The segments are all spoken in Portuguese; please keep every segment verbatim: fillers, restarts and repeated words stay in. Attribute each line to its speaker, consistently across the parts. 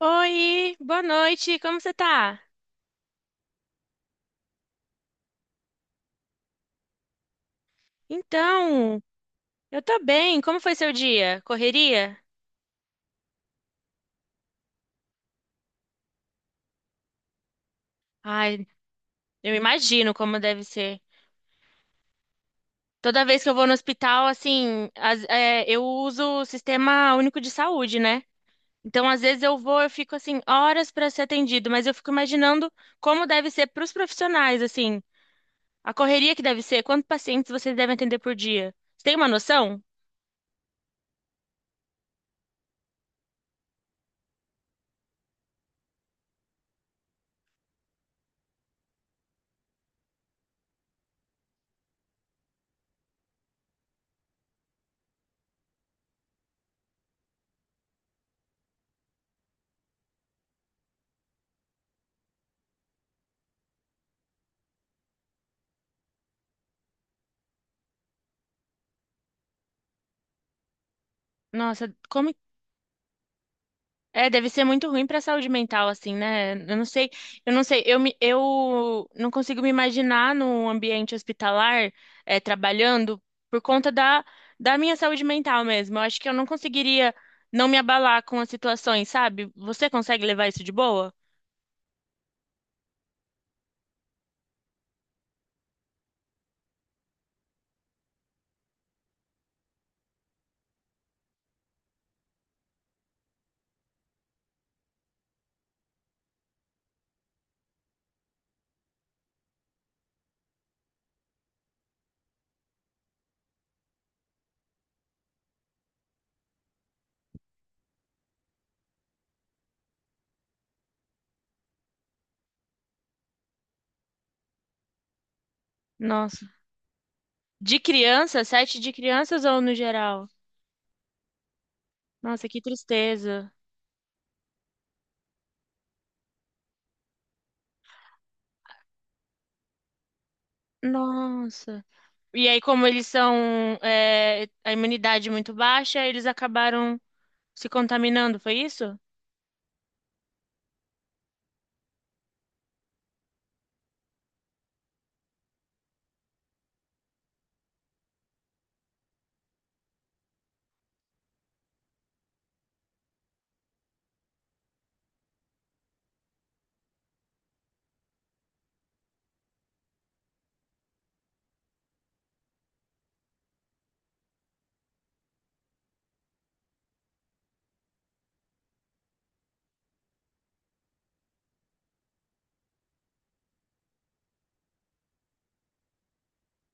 Speaker 1: Oi, boa noite, como você tá? Então, eu tô bem, como foi seu dia? Correria? Ai, eu imagino como deve ser. Toda vez que eu vou no hospital, assim, as- é, eu uso o Sistema Único de Saúde, né? Então, às vezes eu vou, eu fico, assim, horas pra ser atendido, mas eu fico imaginando como deve ser pros profissionais, assim, a correria que deve ser, quantos pacientes vocês devem atender por dia? Você tem uma noção? Nossa, como é, deve ser muito ruim pra saúde mental, assim, né? Eu não sei, eu não sei, eu, me, eu não consigo me imaginar num ambiente hospitalar, é, trabalhando por conta da, da minha saúde mental mesmo. Eu acho que eu não conseguiria não me abalar com as situações, sabe? Você consegue levar isso de boa? Nossa. De criança, sete de crianças ou no geral? Nossa, que tristeza. Nossa. E aí, como eles são, é, a imunidade muito baixa, eles acabaram se contaminando, foi isso?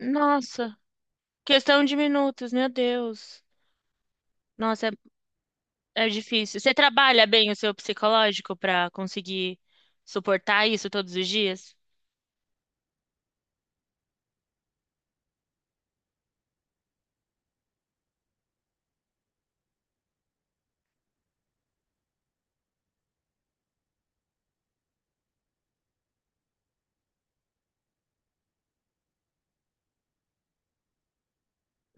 Speaker 1: Nossa, questão de minutos, meu Deus. Nossa, é, é difícil. Você trabalha bem o seu psicológico para conseguir suportar isso todos os dias?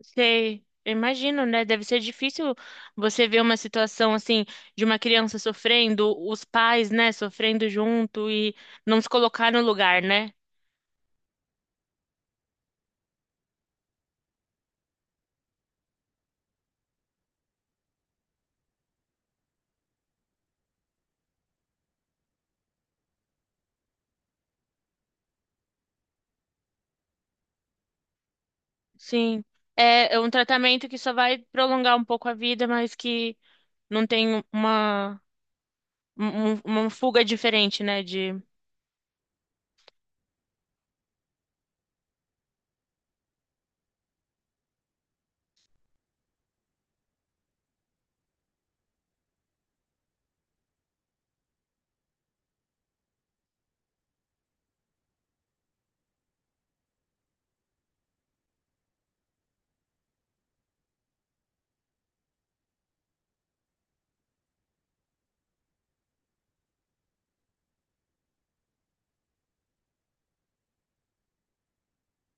Speaker 1: Sei, eu imagino, né? Deve ser difícil você ver uma situação assim de uma criança sofrendo, os pais, né, sofrendo junto e não se colocar no lugar, né? Sim. É é um tratamento que só vai prolongar um pouco a vida, mas que não tem uma um- um- uma fuga diferente, né? De,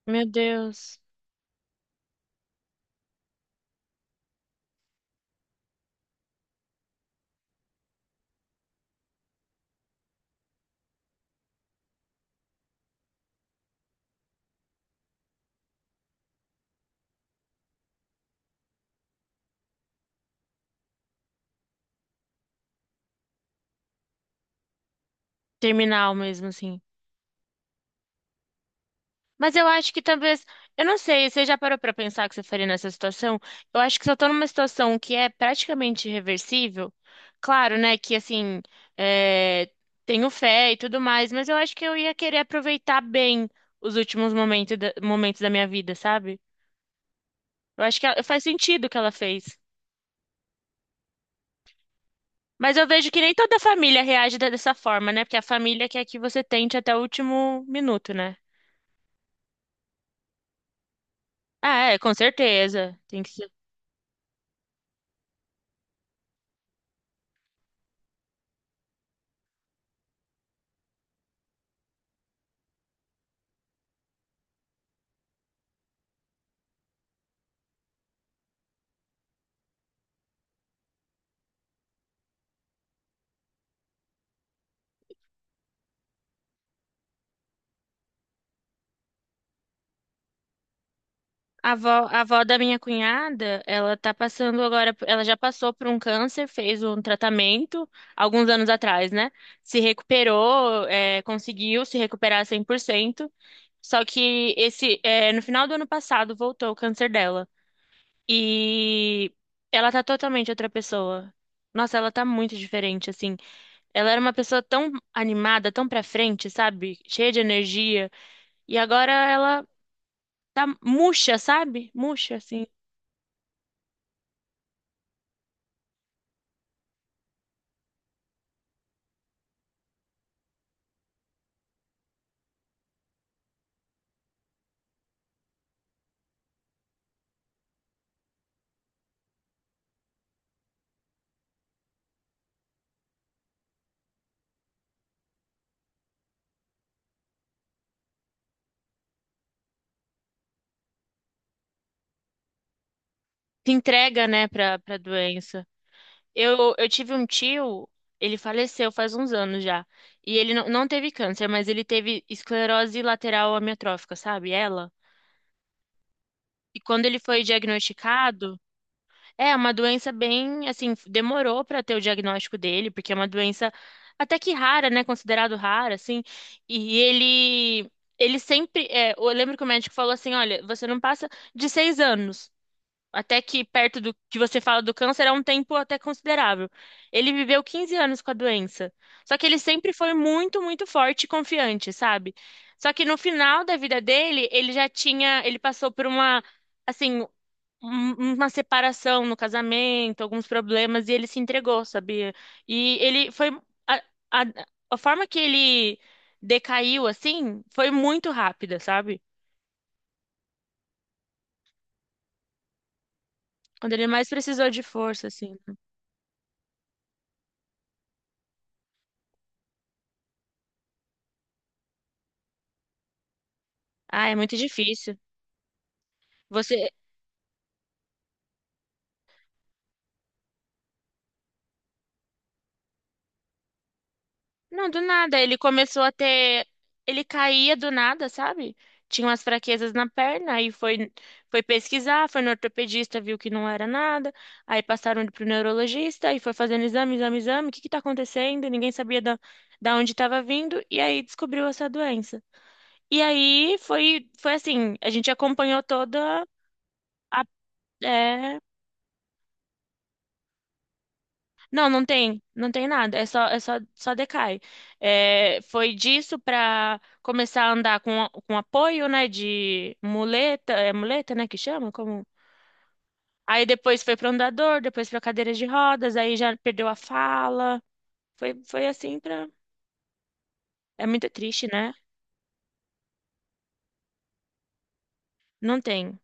Speaker 1: meu Deus, terminal mesmo, assim. Mas eu acho que talvez, eu não sei, você já parou pra pensar o que você faria nessa situação? Eu acho que se eu tô numa situação que é praticamente irreversível, claro, né, que assim, é, tenho fé e tudo mais, mas eu acho que eu ia querer aproveitar bem os últimos momentos da, momentos da minha vida, sabe? Eu acho que ela- faz sentido o que ela fez. Mas eu vejo que nem toda família reage de- dessa forma, né? Porque a família quer que você tente até o último minuto, né? Ah, é, com certeza. Tem que ser. A avó, a avó da minha cunhada, ela tá passando agora, ela já passou por um câncer, fez um tratamento alguns anos atrás, né? Se recuperou, é, conseguiu se recuperar cem por cento. Só que esse, é, no final do ano passado voltou o câncer dela. E ela tá totalmente outra pessoa. Nossa, ela tá muito diferente, assim. Ela era uma pessoa tão animada, tão pra frente, sabe? Cheia de energia. E agora ela tá murcha, sabe? Murcha, assim. Se entrega, né, pra, pra doença. Eu, eu tive um tio, ele faleceu faz uns anos já. E ele não, não teve câncer, mas ele teve esclerose lateral amiotrófica, sabe? Ela. E quando ele foi diagnosticado, é uma doença bem, assim, demorou para ter o diagnóstico dele, porque é uma doença até que rara, né? Considerado rara, assim. E ele, ele sempre, é, eu lembro que o médico falou assim, olha, você não passa de seis anos, até que perto do que você fala do câncer é um tempo até considerável. Ele viveu quinze anos com a doença. Só que ele sempre foi muito, muito forte e confiante, sabe? Só que no final da vida dele, ele já tinha, ele passou por uma assim um- uma separação no casamento, alguns problemas, e ele se entregou, sabia? E ele foi. A, a, a forma que ele decaiu, assim, foi muito rápida, sabe? Quando ele mais precisou de força, assim. Ah, é muito difícil. Você, não, do nada. Ele começou a ter. Ele caía do nada, sabe? Tinha umas fraquezas na perna, aí foi, foi pesquisar, foi no ortopedista, viu que não era nada. Aí passaram ele pro neurologista e foi fazendo exame, exame, exame. O que que tá acontecendo? Ninguém sabia da, da onde estava vindo. E aí descobriu essa doença. E aí foi, foi assim: a gente acompanhou toda. É, não, não tem, não tem nada, é só, é só, só decai. É, foi disso para começar a andar com, com apoio, né, de muleta, é muleta, né, que chama? Como... Aí depois foi para andador, depois para cadeira de rodas, aí já perdeu a fala. Foi, foi assim pra... É muito triste, né? Não tem.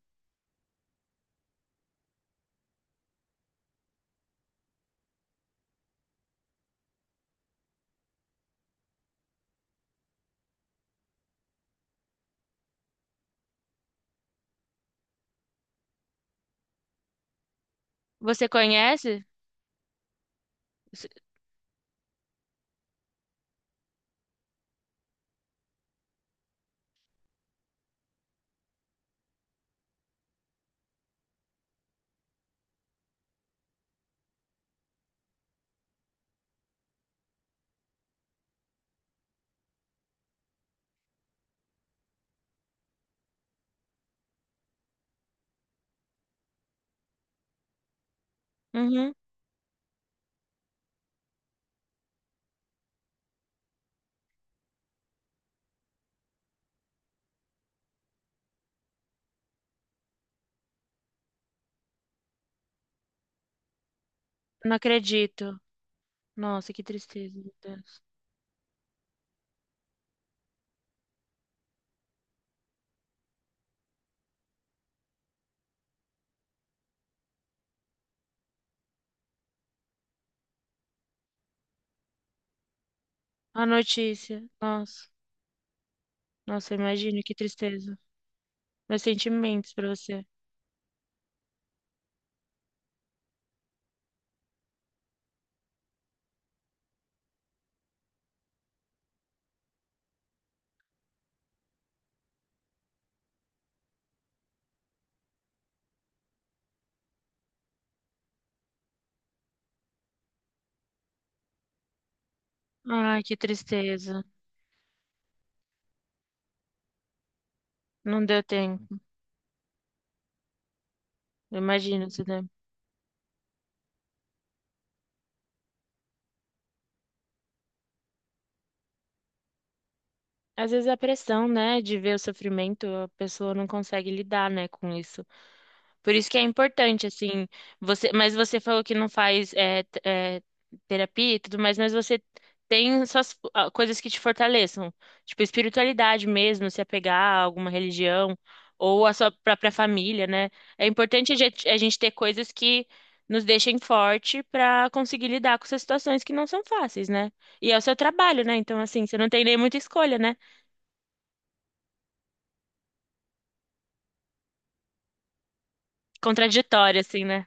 Speaker 1: Você conhece? Você- uhum, não acredito. Nossa, que tristeza, meu Deus. A notícia, nossa, nossa, imagina que tristeza. Meus sentimentos pra você. Ai, que tristeza. Não deu tempo. Imagino se der. Às vezes é a pressão, né, de ver o sofrimento, a pessoa não consegue lidar, né, com isso. Por isso que é importante, assim, você, mas você falou que não faz é, t- é, terapia e tudo mais, mas você tem suas ah, coisas que te fortaleçam, tipo espiritualidade mesmo, se apegar a alguma religião ou a sua própria família, né? É importante a gente, a gente ter coisas que nos deixem forte para conseguir lidar com essas situações que não são fáceis, né? E é o seu trabalho, né? Então, assim, você não tem nem muita escolha, né? Contraditório, assim, né?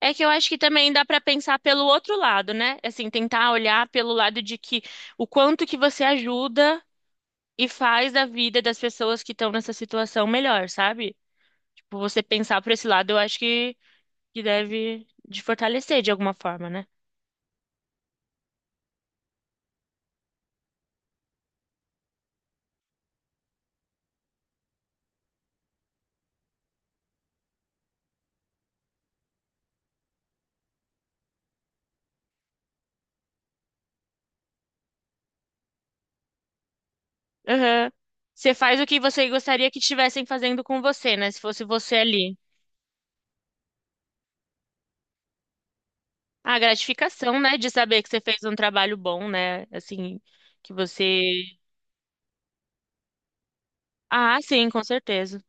Speaker 1: É que eu acho que também dá para pensar pelo outro lado, né? Assim, tentar olhar pelo lado de que o quanto que você ajuda e faz a vida das pessoas que estão nessa situação melhor, sabe? Tipo, você pensar por esse lado, eu acho que, que deve te fortalecer de alguma forma, né? Aham. Você faz o que você gostaria que estivessem fazendo com você, né? Se fosse você ali. A gratificação, né? De saber que você fez um trabalho bom, né? Assim, que você. Ah, sim, com certeza.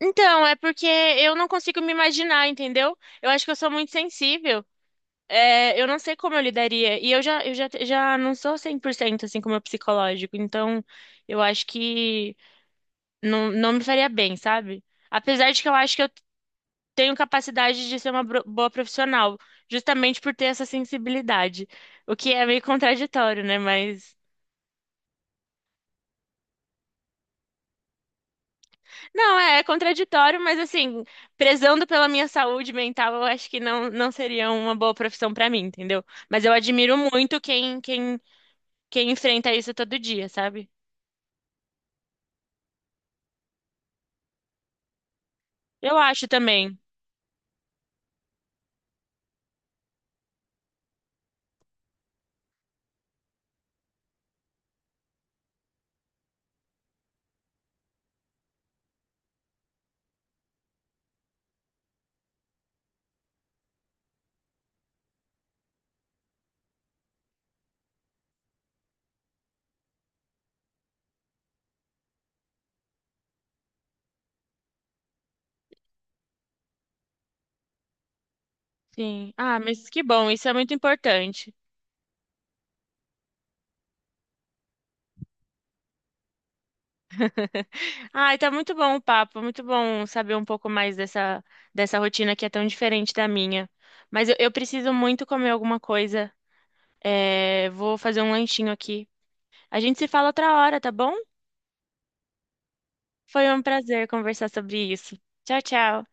Speaker 1: Então, é porque eu não consigo me imaginar, entendeu? Eu acho que eu sou muito sensível. É, eu não sei como eu lidaria. E eu já, eu já, já não sou cem por cento assim com o meu psicológico. Então, eu acho que não, não me faria bem, sabe? Apesar de que eu acho que eu tenho capacidade de ser uma bro- boa profissional, justamente por ter essa sensibilidade. O que é meio contraditório, né? Não, é, é contraditório, mas assim, prezando pela minha saúde mental, eu acho que não, não seria uma boa profissão pra mim, entendeu? Mas eu admiro muito quem, quem, quem enfrenta isso todo dia, sabe? Eu acho também. Sim. Ah, mas que bom, isso é muito importante. Ai, tá muito bom o papo, muito bom saber um pouco mais dessa, dessa rotina que é tão diferente da minha. Mas eu, eu preciso muito comer alguma coisa. É, vou fazer um lanchinho aqui. A gente se fala outra hora, tá bom? Foi um prazer conversar sobre isso. Tchau, tchau.